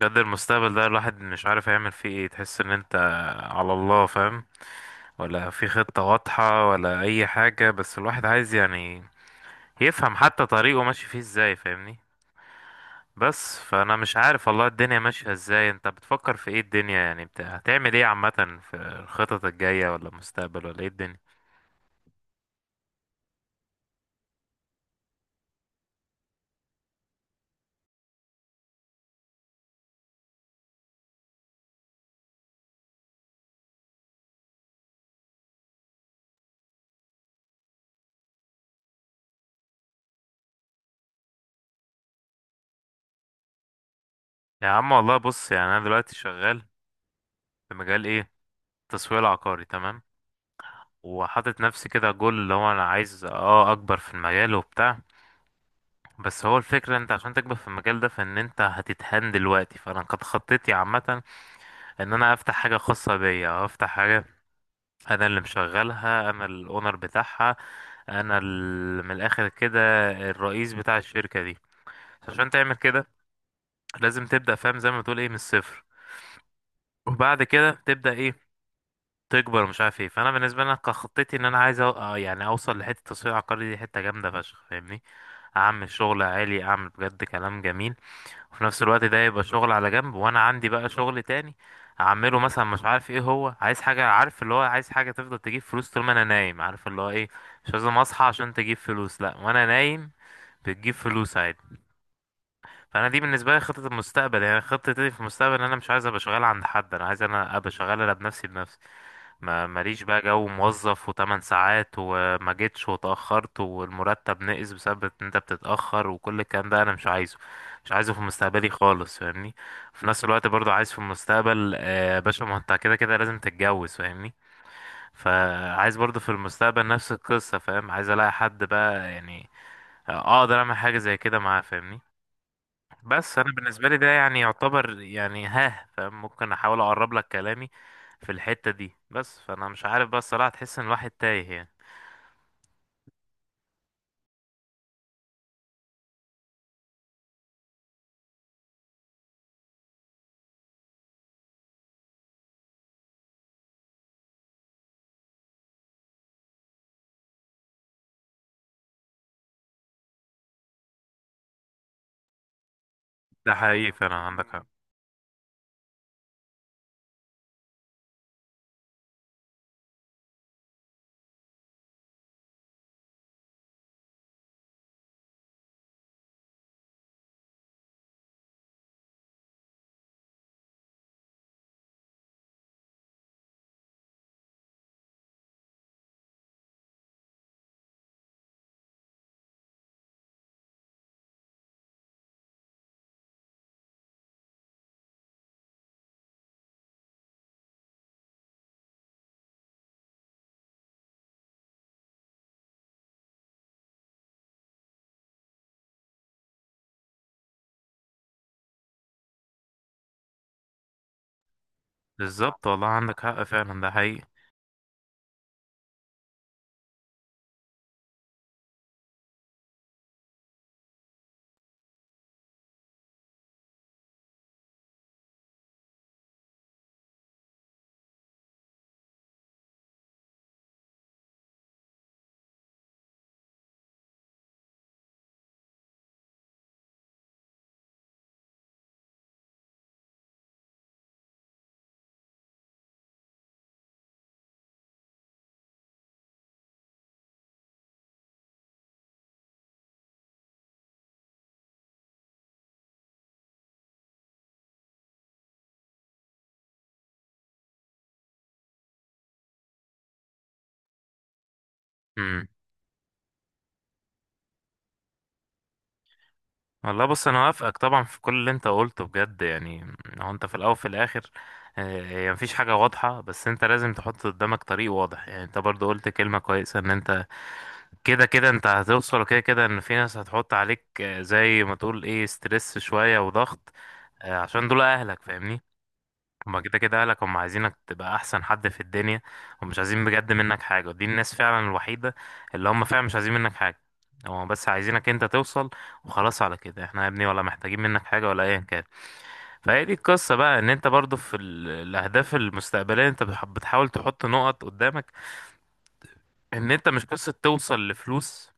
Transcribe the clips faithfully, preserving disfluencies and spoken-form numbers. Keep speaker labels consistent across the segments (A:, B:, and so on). A: بجد المستقبل ده الواحد مش عارف هيعمل فيه ايه. تحس ان انت على الله فاهم ولا في خطة واضحة ولا اي حاجة، بس الواحد عايز يعني يفهم حتى طريقه ماشي فيه ازاي، فاهمني؟ بس فانا مش عارف والله الدنيا ماشية ازاي. انت بتفكر في ايه الدنيا؟ يعني بت... هتعمل ايه عامة في الخطط الجاية ولا المستقبل ولا ايه الدنيا؟ يا عم والله بص، يعني انا دلوقتي شغال في مجال ايه؟ التسويق العقاري، تمام. وحاطط نفسي كده جول، اللي هو انا عايز اه اكبر في المجال وبتاع. بس هو الفكرة، انت عشان تكبر في المجال ده فان انت هتتهان دلوقتي، فانا قد خطيتي عامة ان انا افتح حاجة خاصة بيا او افتح حاجة انا اللي مشغلها، انا الاونر بتاعها، انا ال- من الاخر كده الرئيس بتاع الشركة دي. عشان تعمل كده لازم تبدأ، فاهم زي ما بتقول ايه، من الصفر، وبعد كده تبدأ ايه؟ تكبر، مش عارف ايه. فانا بالنسبة لي كان خطتي ان انا عايز أو... آه يعني اوصل لحتة التسويق العقاري دي، حتة جامدة فشخ، فاهمني؟ اعمل شغل عالي، اعمل بجد كلام جميل. وفي نفس الوقت ده يبقى شغل على جنب، وانا عندي بقى شغل تاني اعمله، مثلا مش عارف ايه هو، عايز حاجة، عارف اللي هو عايز حاجة تفضل تجيب فلوس طول ما انا نايم، عارف اللي هو ايه؟ مش لازم اصحى عشان تجيب فلوس، لا، وانا نايم بتجيب فلوس عادي. فانا دي بالنسبه لي خطه المستقبل، يعني خطتي في المستقبل ان انا مش عايز ابقى شغال عند حد، انا عايز انا ابقى شغال انا بنفسي بنفسي. ما ماليش بقى جو موظف و8 ساعات وما جيتش واتاخرت والمرتب نقص بسبب ان انت بتتاخر، وكل الكلام ده انا مش عايزه، مش عايزه في مستقبلي خالص، فاهمني؟ في نفس الوقت برضو عايز في المستقبل، آه، يا باشا ما انت كده كده لازم تتجوز، فاهمني؟ فعايز برضو في المستقبل نفس القصه، فاهم؟ عايز الاقي حد بقى يعني، آه، اقدر اعمل حاجه زي كده معاه، فاهمني؟ بس انا بالنسبه لي ده يعني يعتبر يعني ها، فممكن احاول اقرب لك كلامي في الحته دي. بس فانا مش عارف بقى الصراحه، تحس ان الواحد تايه يعني. ده حقيقي فعلا، عندك حق. بالظبط، والله عندك حق، فعلا ده حقيقي. امم. والله بص انا وافقك طبعا في كل اللي انت قلته بجد، يعني هو انت في الاول وفي الاخر، آه، هي مفيش حاجه واضحه، بس انت لازم تحط قدامك طريق واضح. يعني انت برضو قلت كلمه كويسه، ان انت كده كده انت هتوصل، وكده كده ان في ناس هتحط عليك آه، زي ما تقول ايه ستريس شوية وضغط، آه، عشان دول اهلك، فاهمني؟ هما كده كده اهلك، هما عايزينك تبقى احسن حد في الدنيا، ومش عايزين بجد منك حاجة، ودي الناس فعلا الوحيدة اللي هما فعلا مش عايزين منك حاجة، هما بس عايزينك انت توصل وخلاص، على كده احنا يا ابني، ولا محتاجين منك حاجة ولا ايا كان. فهي دي القصة بقى، ان انت برضو في ال- الاهداف المستقبلية انت بتح- بتحاول تحط نقط قدامك، ان انت مش قصة توصل لفلوس،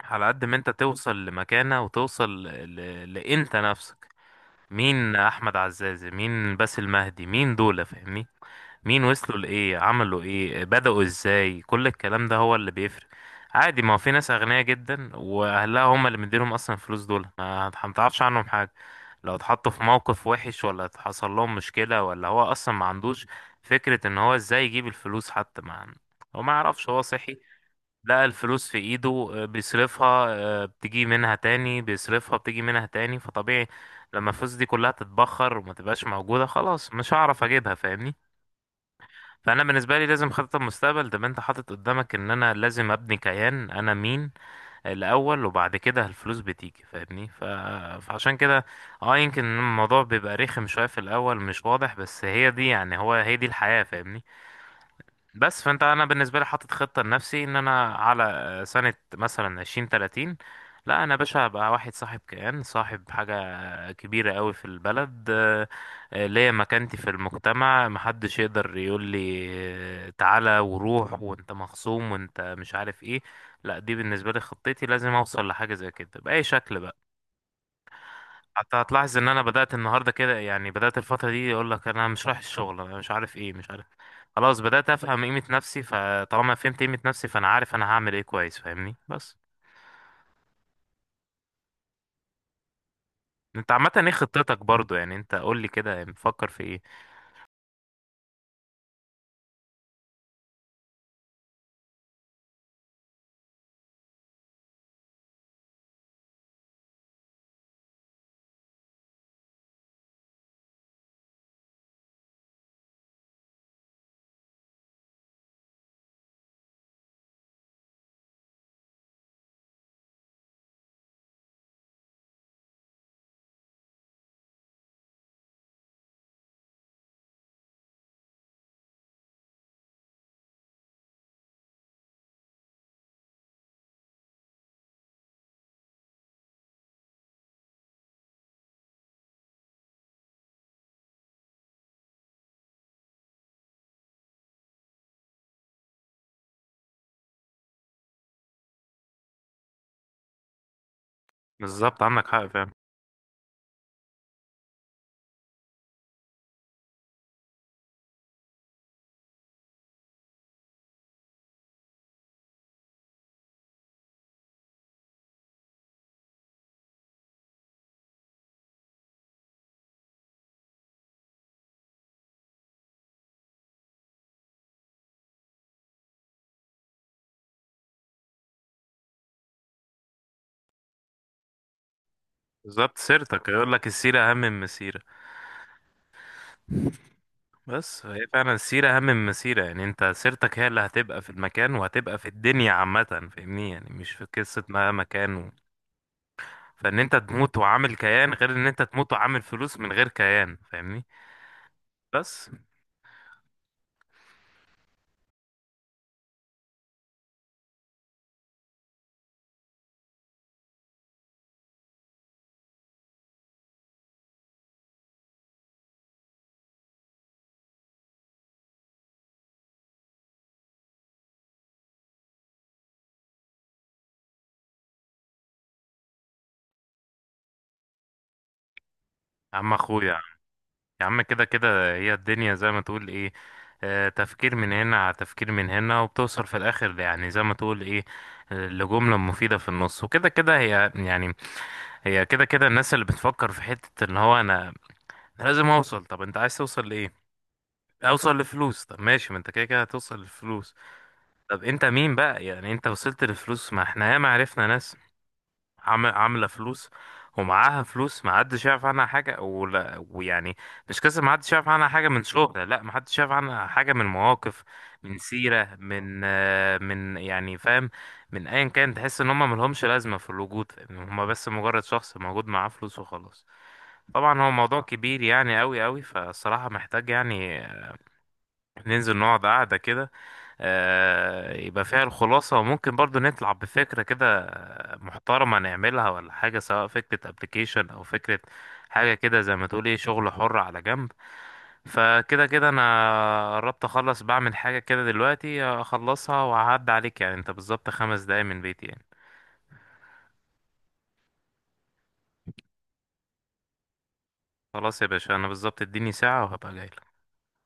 A: على قد ما انت توصل لمكانة وتوصل ل... لانت نفسك. مين احمد عزازي، مين باسل مهدي، مين دول، فاهمني؟ مين وصلوا لايه، عملوا ايه، بدأوا ازاي، كل الكلام ده هو اللي بيفرق. عادي، ما هو في ناس اغنياء جدا واهلها هم اللي مديلهم اصلا الفلوس، دول ما هت- متعرفش عنهم حاجة. لو اتحطوا في موقف وحش ولا حصل لهم مشكلة، ولا هو اصلا ما عندوش فكرة ان هو ازاي يجيب الفلوس، حتى ما هو ما يعرفش هو صحي. لقى الفلوس في ايده آه، بيصرفها، آه، بتيجي منها تاني بيصرفها، بتيجي منها تاني. فطبيعي لما الفلوس دي كلها تتبخر وما تبقاش موجودة، خلاص مش هعرف اجيبها، فاهمني؟ فانا بالنسبة لي لازم خطة المستقبل ده انت حاطط قدامك ان انا لازم ابني كيان، انا مين الاول، وبعد كده الفلوس بتيجي، فاهمني؟ ف... فعشان كده اه يمكن الموضوع بيبقى رخم شوية في الاول مش واضح، بس هي دي يعني، هو هي دي الحياة، فاهمني؟ بس فانت انا بالنسبه لي حاطط خطه لنفسي ان انا على آه، سنه مثلا عشرين، تلاتين، لا انا يا باشا هبقى واحد صاحب كيان، صاحب حاجه كبيره قوي في البلد، آه، آه، ليا مكانتي في المجتمع، محدش يقدر يقول لي آه، تعالى وروح وانت مخصوم وانت مش عارف ايه، لا، دي بالنسبه لي خطتي، لازم اوصل لحاجه زي كده باي شكل بقى. حتى هتلاحظ ان انا بدأت النهارده كده، يعني بدأت الفترة دي اقول لك انا مش رايح الشغل انا مش عارف ايه، مش عارف، خلاص بدأت افهم قيمة نفسي، فطالما فهمت قيمة نفسي فانا عارف انا هعمل ايه كويس، فاهمني؟ بس انت عامة ايه خطتك برضو؟ يعني انت قول لي كده مفكر في ايه. بالظبط، عندك حق، فاهم. بالظبط، سيرتك، يقول لك السيرة اهم من المسيرة. بس هي فعلا السيرة اهم من المسيرة، يعني انت سيرتك هي اللي هتبقى في المكان وهتبقى في الدنيا عامة، فاهمني؟ يعني مش في قصة ما مكان، فان انت تموت وعامل كيان غير ان انت تموت وعامل فلوس من غير كيان، فاهمني؟ بس. يا عم اخويا، يا عم كده كده هي الدنيا زي ما تقول ايه، آه، تفكير من هنا على تفكير من هنا، وبتوصل في الاخر يعني زي ما تقول ايه، آه، لجملة مفيدة في النص، وكده كده هي يعني، هي كده كده الناس اللي بتفكر في حتة ان هو انا أنا لازم اوصل. طب انت عايز توصل لايه؟ اوصل لفلوس. طب ماشي، ما انت كده كده هتوصل لفلوس، طب انت مين بقى؟ يعني انت وصلت لفلوس، ما احنا ياما عرفنا ناس عم- عامله فلوس، ومعاها فلوس، ما حدش يعرف عنها حاجه ولا ويعني، مش قصه ما حدش يعرف عنها حاجه من شغل، لا، ما حدش يعرف عنها حاجه من مواقف، من سيره، من آه، من يعني، فاهم، من ايا كان. تحس ان هم ملهمش لازمه في الوجود، ان هم بس مجرد شخص موجود معاه فلوس وخلاص. طبعا هو موضوع كبير يعني قوي قوي، فالصراحه محتاج يعني ننزل نقعد قعده كده، آه، يبقى فيها الخلاصة، وممكن برضو نطلع بفكرة كده محترمة نعملها ولا حاجة، سواء فكرة ابلكيشن أو فكرة حاجة كده زي ما تقول ايه، شغل حر على جنب. فكده كده أنا قربت أخلص، بعمل حاجة كده دلوقتي أخلصها وأعد عليك، يعني أنت بالظبط خمس دقايق من بيتي يعني. خلاص يا باشا، أنا بالظبط اديني ساعة وهبقى جاي.